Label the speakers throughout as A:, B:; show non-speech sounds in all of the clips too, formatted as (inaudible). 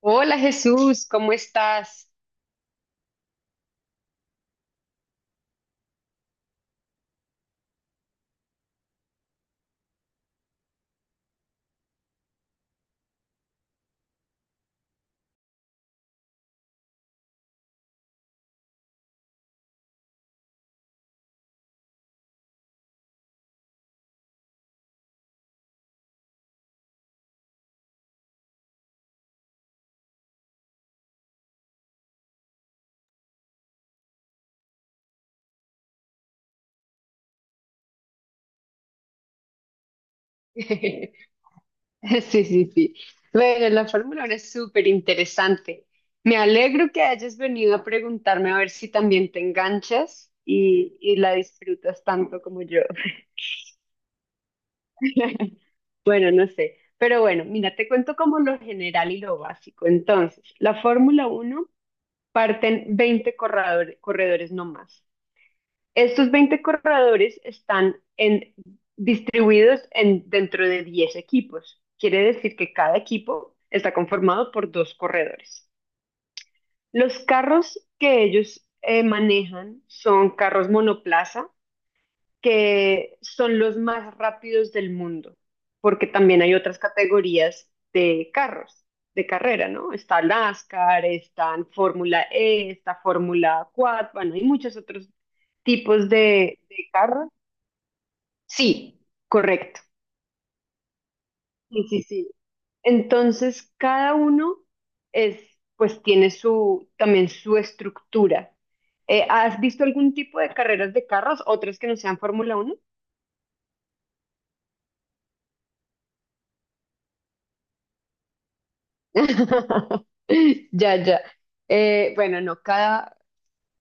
A: Hola Jesús, ¿cómo estás? (laughs) Sí, sí, sí. Bueno, la Fórmula Uno es súper interesante. Me alegro que hayas venido a preguntarme a ver si también te enganchas y la disfrutas tanto como yo. (laughs) Bueno, no sé. Pero bueno, mira, te cuento como lo general y lo básico. Entonces, la Fórmula Uno parten 20 corredores no más. Estos 20 corredores distribuidos dentro de 10 equipos. Quiere decir que cada equipo está conformado por dos corredores. Los carros que ellos manejan son carros monoplaza, que son los más rápidos del mundo, porque también hay otras categorías de carros, de carrera, ¿no? Está NASCAR, está Fórmula E, está Fórmula 4. Bueno, hay muchos otros tipos de carros. Sí, correcto. Sí, sí, sí. Entonces, cada uno es, pues tiene su, también su estructura. ¿Has visto algún tipo de carreras de carros, otras que no sean Fórmula Uno? (laughs) Ya, ya. Bueno, no, cada,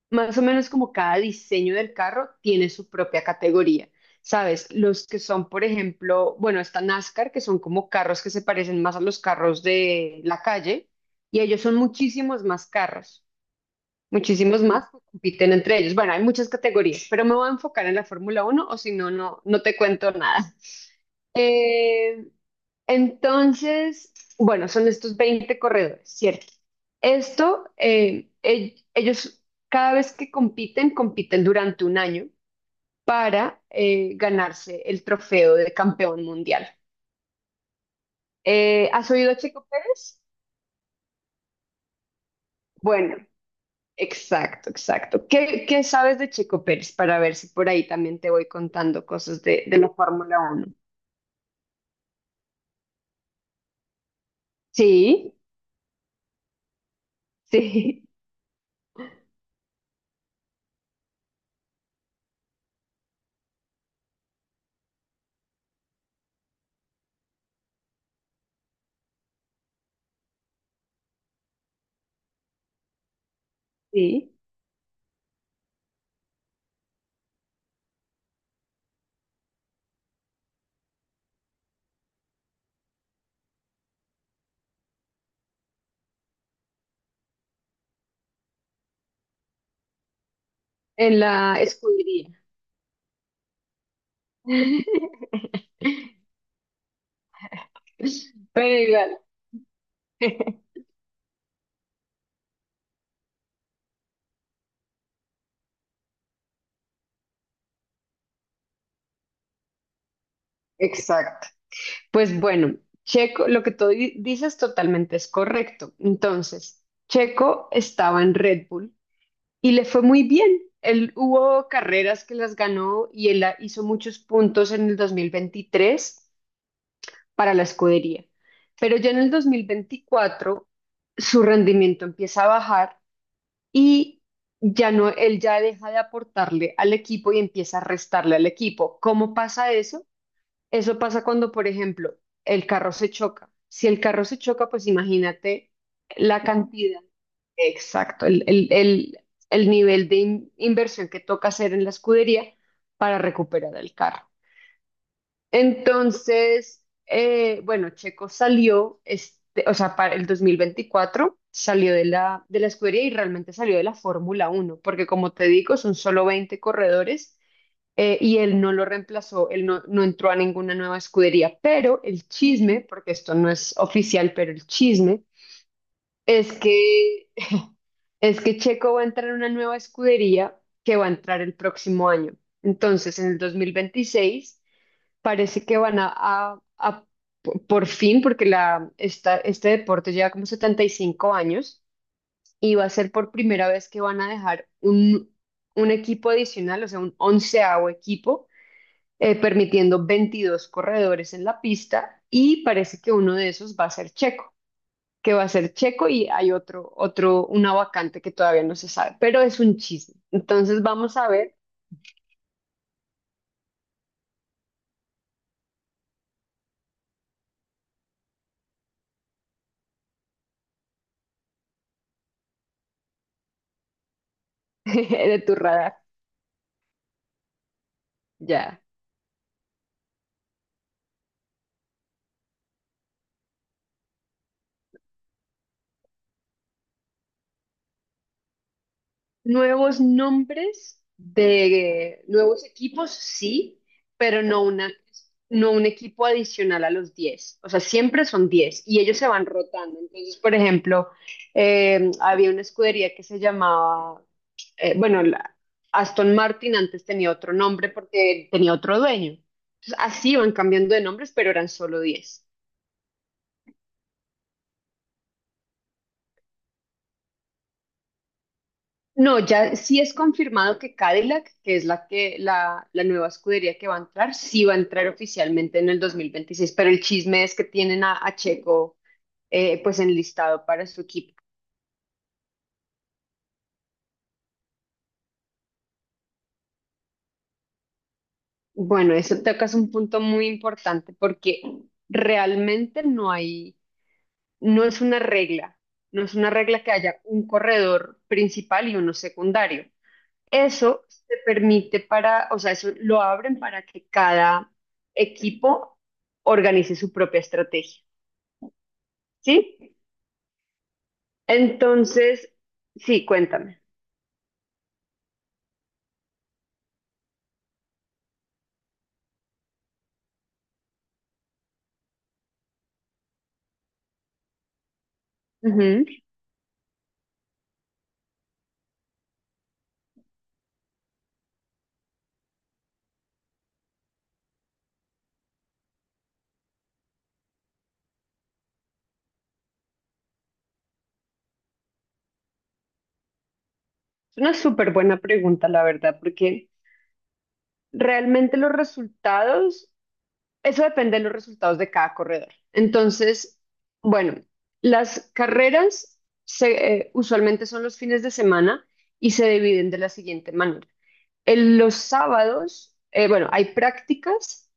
A: más o menos como cada diseño del carro tiene su propia categoría. ¿Sabes? Los que son, por ejemplo, bueno, está NASCAR, que son como carros que se parecen más a los carros de la calle, y ellos son muchísimos más carros, muchísimos más que compiten entre ellos. Bueno, hay muchas categorías, pero me voy a enfocar en la Fórmula Uno o si no, no te cuento nada. (laughs) Eh, entonces, bueno, son estos 20 corredores, ¿cierto? Esto, ellos cada vez que compiten, compiten durante un año para ganarse el trofeo de campeón mundial. ¿Has oído a Checo Pérez? Bueno, exacto, exacto. Qué sabes de Checo Pérez? Para ver si por ahí también te voy contando cosas de la Fórmula Uno? Sí, (laughs) sí, sí, en la escudería. (laughs) Pero igual. (laughs) Exacto. Pues bueno, Checo, lo que tú dices totalmente es correcto. Entonces, Checo estaba en Red Bull y le fue muy bien. Él hubo carreras que las ganó y él hizo muchos puntos en el 2023 para la escudería. Pero ya en el 2024 su rendimiento empieza a bajar y ya no, él ya deja de aportarle al equipo y empieza a restarle al equipo. ¿Cómo pasa eso? Eso pasa cuando, por ejemplo, el carro se choca. Si el carro se choca, pues imagínate la cantidad, exacto, el nivel de inversión que toca hacer en la escudería para recuperar el carro. Entonces, bueno, Checo salió, este, o sea, para el 2024 salió de de la escudería y realmente salió de la Fórmula Uno, porque como te digo, son solo 20 corredores. Y él no lo reemplazó, él no, no entró a ninguna nueva escudería, pero el chisme, porque esto no es oficial, pero el chisme es que, es que Checo va a entrar a una nueva escudería que va a entrar el próximo año. Entonces, en el 2026 parece que van a por fin, porque la, esta, este deporte lleva como 75 años y va a ser por primera vez que van a dejar un equipo adicional, o sea, un onceavo equipo, permitiendo 22 corredores en la pista y parece que uno de esos va a ser Checo, que va a ser Checo y hay otro, una vacante que todavía no se sabe, pero es un chisme. Entonces vamos a ver. (laughs) De tu radar. Ya. Nuevos nombres de nuevos equipos, sí, pero no una, no un equipo adicional a los diez. O sea, siempre son diez y ellos se van rotando. Entonces, por ejemplo, había una escudería que se llamaba bueno, Aston Martin antes tenía otro nombre porque tenía otro dueño. Entonces, así iban cambiando de nombres, pero eran solo 10. No, ya sí es confirmado que Cadillac, que es la nueva escudería que va a entrar, sí va a entrar oficialmente en el 2026, pero el chisme es que tienen a Checo, pues enlistado para su equipo. Bueno, eso tocas un punto muy importante porque realmente no hay no es una regla, no es una regla que haya un corredor principal y uno secundario. Eso te permite para, o sea, eso lo abren para que cada equipo organice su propia estrategia, ¿sí? Entonces, sí, cuéntame. Ujú. Es una súper buena pregunta, la verdad, porque realmente los resultados eso depende de los resultados de cada corredor. Entonces, bueno, las carreras usualmente son los fines de semana y se dividen de la siguiente manera. En los sábados, bueno, hay prácticas,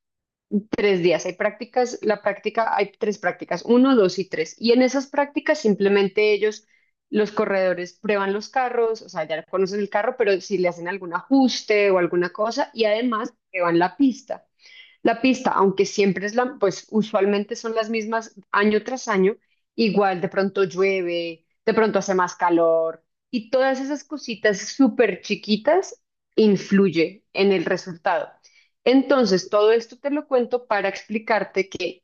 A: tres días, hay prácticas, la práctica, hay tres prácticas, uno, dos y tres. Y en esas prácticas simplemente ellos, los corredores, prueban los carros, o sea, ya conocen el carro, pero si le hacen algún ajuste o alguna cosa y además prueban la pista. La pista, aunque siempre es la, pues usualmente son las mismas año tras año, igual de pronto llueve, de pronto hace más calor y todas esas cositas súper chiquitas influye en el resultado. Entonces, todo esto te lo cuento para explicarte que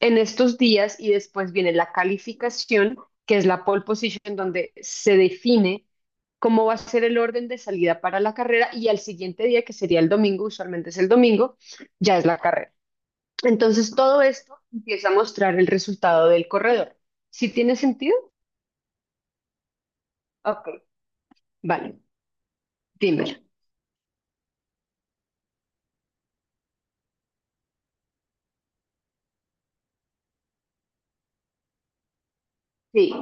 A: en estos días y después viene la calificación, que es la pole position, donde se define cómo va a ser el orden de salida para la carrera y al siguiente día, que sería el domingo, usualmente es el domingo, ya es la carrera. Entonces todo esto empieza a mostrar el resultado del corredor. ¿Sí tiene sentido? Ok, vale, dímelo. Sí,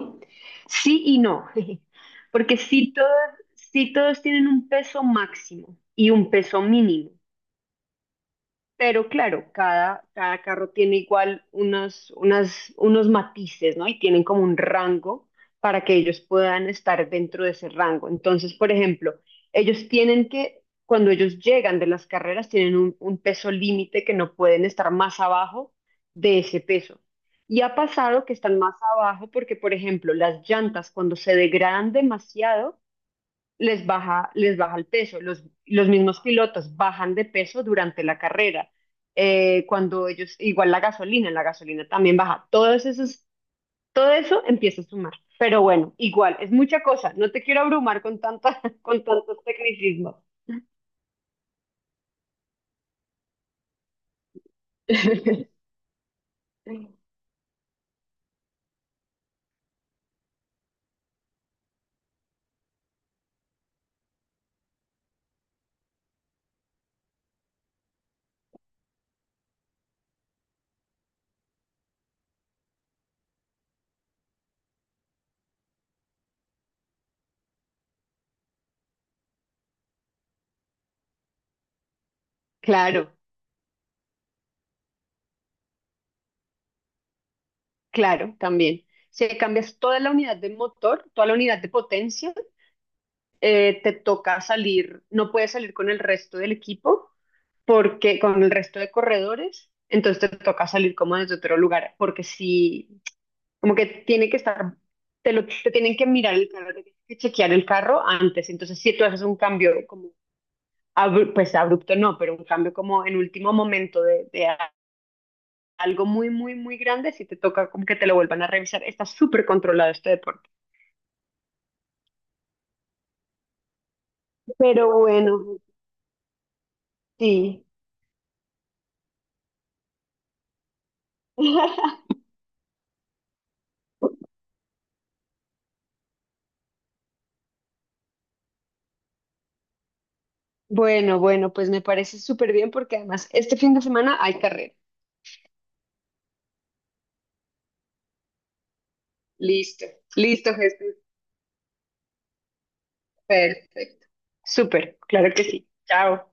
A: sí y no, (laughs) porque sí todos tienen un peso máximo y un peso mínimo. Pero claro, cada carro tiene igual unos matices, ¿no? Y tienen como un rango para que ellos puedan estar dentro de ese rango. Entonces, por ejemplo, ellos tienen que, cuando ellos llegan de las carreras, tienen un peso límite que no pueden estar más abajo de ese peso. Y ha pasado que están más abajo porque, por ejemplo, las llantas cuando se degradan demasiado, les baja el peso. Los mismos pilotos bajan de peso durante la carrera. Cuando ellos, igual la gasolina también baja. Todos esos, todo eso empieza a sumar. Pero bueno, igual, es mucha cosa. No te quiero abrumar con tanta, (laughs) con tantos tecnicismos. (laughs) Claro, claro, también. Si cambias toda la unidad de motor, toda la unidad de potencia, te toca salir, no puedes salir con el resto del equipo porque con el resto de corredores, entonces te toca salir como desde otro lugar, porque si, como que tiene que estar, te tienen que mirar el carro, te tienen que chequear el carro antes, entonces si tú haces un cambio como, abru pues abrupto no, pero un cambio como en último momento algo muy, muy, muy grande, si te toca como que te lo vuelvan a revisar, está súper controlado este deporte. Pero bueno, sí. (laughs) Bueno, bueno, pues me parece súper bien porque además este fin de semana hay carrera. Listo, listo, Jesús. Perfecto. Súper, claro que sí. Chao.